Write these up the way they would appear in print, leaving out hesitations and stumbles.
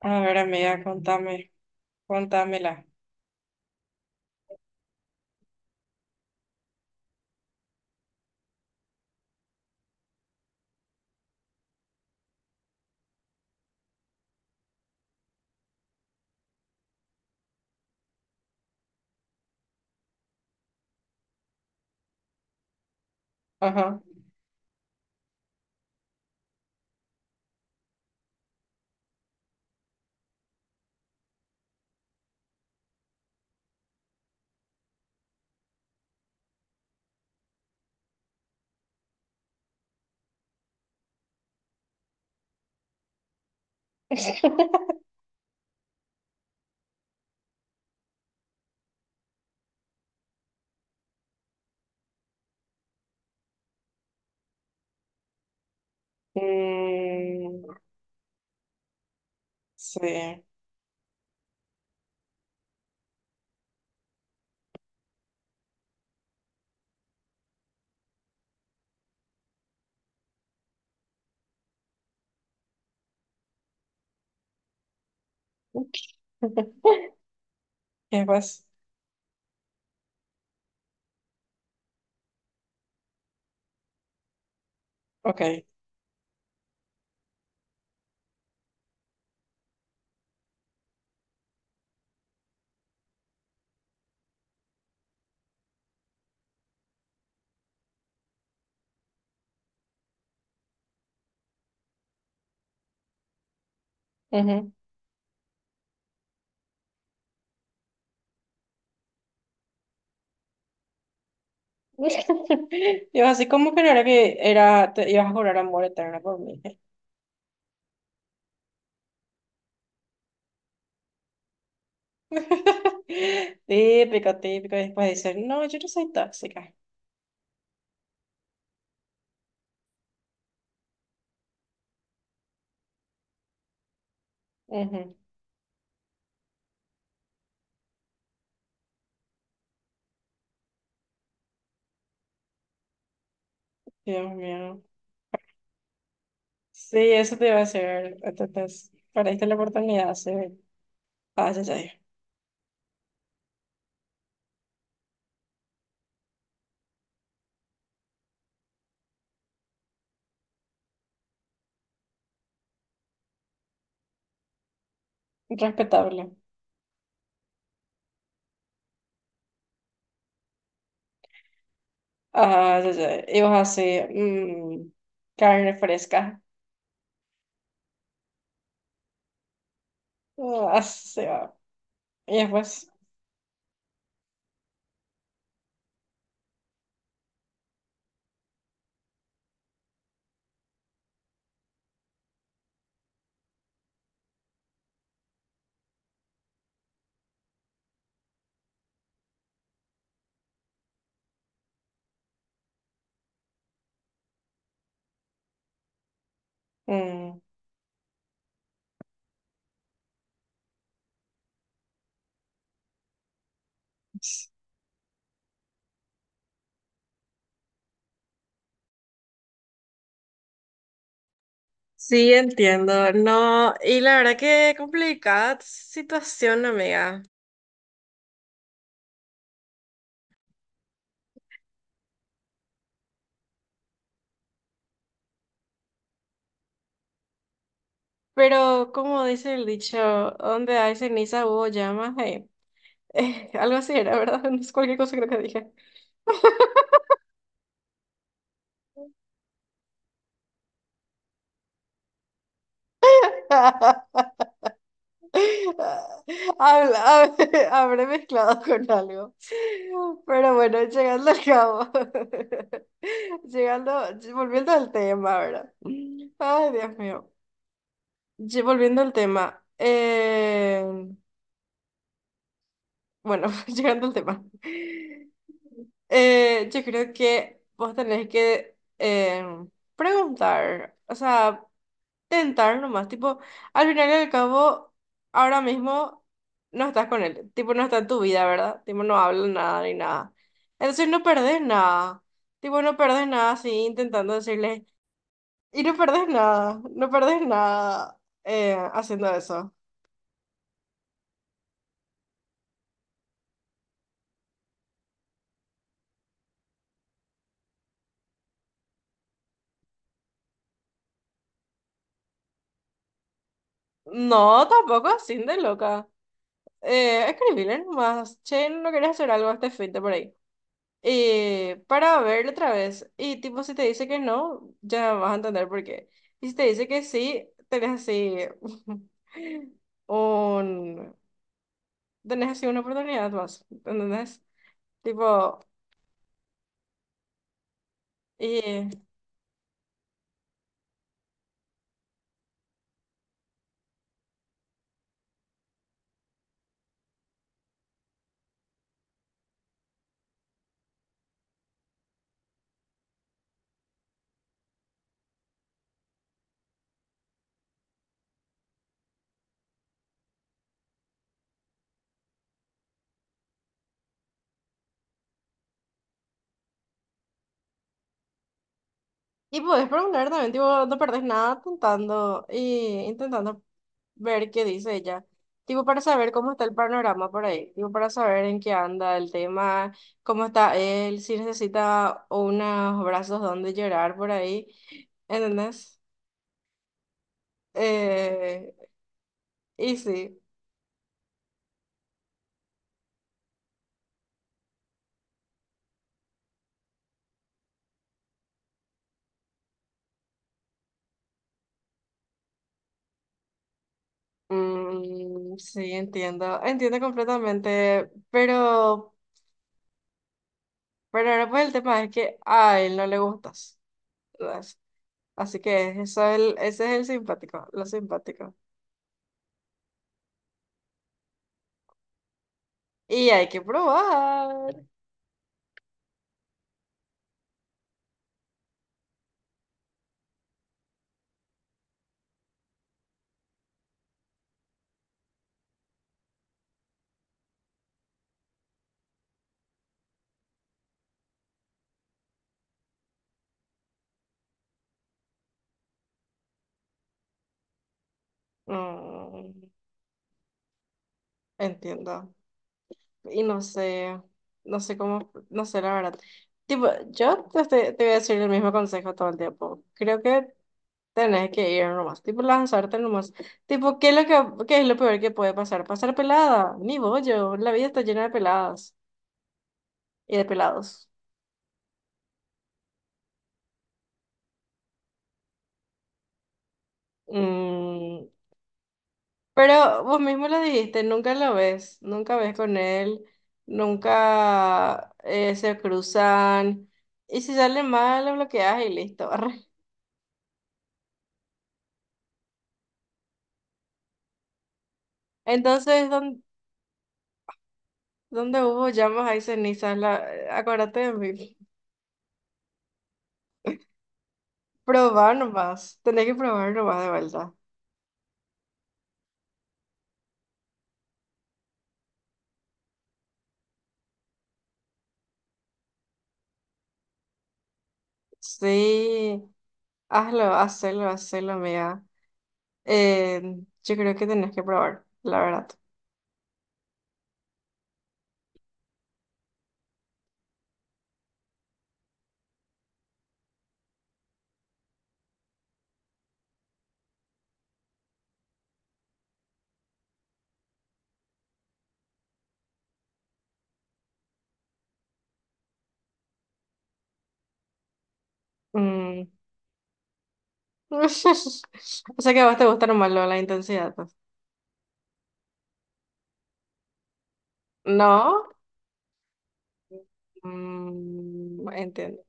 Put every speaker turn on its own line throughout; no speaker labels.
A ver, amiga, contame, contámela. Ajá. Mm, sí. ¿Qué pues? Ok. Ujú. Yo así como que no era que era, te ibas a jurar amor eterno por mí. Típico, típico. Y después dicen, no, yo no soy tóxica. Ujú. Dios mío. Sí, eso te iba a decir. Entonces, perdiste la oportunidad, sí. Ah, ya, ya. Respetable. Ah, ya, ya. Y vos así, mm, carne fresca. Ah, así se va. Y mm, sí, entiendo. No, y la verdad que complicada situación, amiga. Pero como dice el dicho, donde hay ceniza hubo llamas, algo así era, ¿verdad? No es cualquier cosa creo que dije. Habla, habré mezclado con algo. Pero bueno, llegando al cabo. Llegando, volviendo al tema, ¿verdad? Ay, Dios mío. Volviendo al tema. Bueno, llegando al tema. Yo creo que vos tenés que preguntar, o sea, tentar nomás, tipo, al final y al cabo, ahora mismo no estás con él. Tipo, no está en tu vida, ¿verdad? Tipo, no hablan nada ni nada. Entonces no perdés nada, tipo, no perdés nada así intentando decirle, y no perdés nada, no perdés nada haciendo eso. No, tampoco así de loca. Escribile nomás, che, no quería hacer algo este fin de por ahí. Y para verlo otra vez. Y tipo, si te dice que no, ya vas a entender por qué. Y si te dice que sí, tenés así un... Tenés así una oportunidad más, ¿entendés? Tipo, y Y podés preguntar también, tipo, no perdés nada intentando, y intentando ver qué dice ella. Tipo, para saber cómo está el panorama por ahí. Tipo, para saber en qué anda el tema, cómo está él, si necesita unos brazos donde llorar por ahí. ¿Entendés? Eh, y sí. Mm, sí, entiendo. Entiendo completamente. Pero ahora pues el tema es que a él no le gustas. Así que eso es el, ese es el simpático, lo simpático. Y hay que probar. Mm, entiendo. Y no sé, no sé cómo, no sé la verdad. Tipo, te voy a decir el mismo consejo todo el tiempo. Creo que tenés que ir nomás, tipo lanzarte nomás. Tipo, ¿qué es lo peor que puede pasar? Pasar pelada, ni bollo, la vida está llena de peladas y de pelados. Mm, pero vos mismo lo dijiste, nunca lo ves, nunca ves con él, nunca se cruzan. Y si sale mal, lo bloqueas y listo. Arre. Entonces, ¿dónde hubo llamas hay cenizas? Acuérdate de mí. Probar nomás, tenés que probar nomás de vuelta. Sí, hazlo, hazlo, hazlo, amiga. Eh, yo creo que tenés que probar, la verdad. Mm. O sea que a vos te gusta nomás lo de la intensidad, pues. ¿No? Mm, entiendo.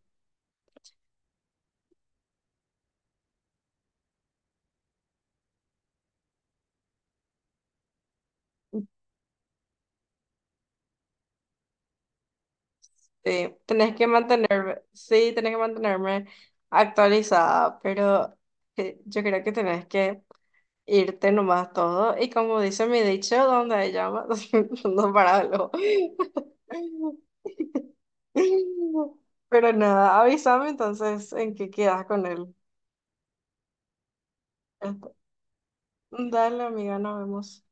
Sí, tenés que mantenerme, sí, tenés que mantenerme actualizada, pero yo creo que tenés que irte nomás todo. Y como dice mi dicho, donde hay llamas, no para algo. Pero nada, avísame entonces en qué quedas con él. Este, Dale, amiga, nos vemos.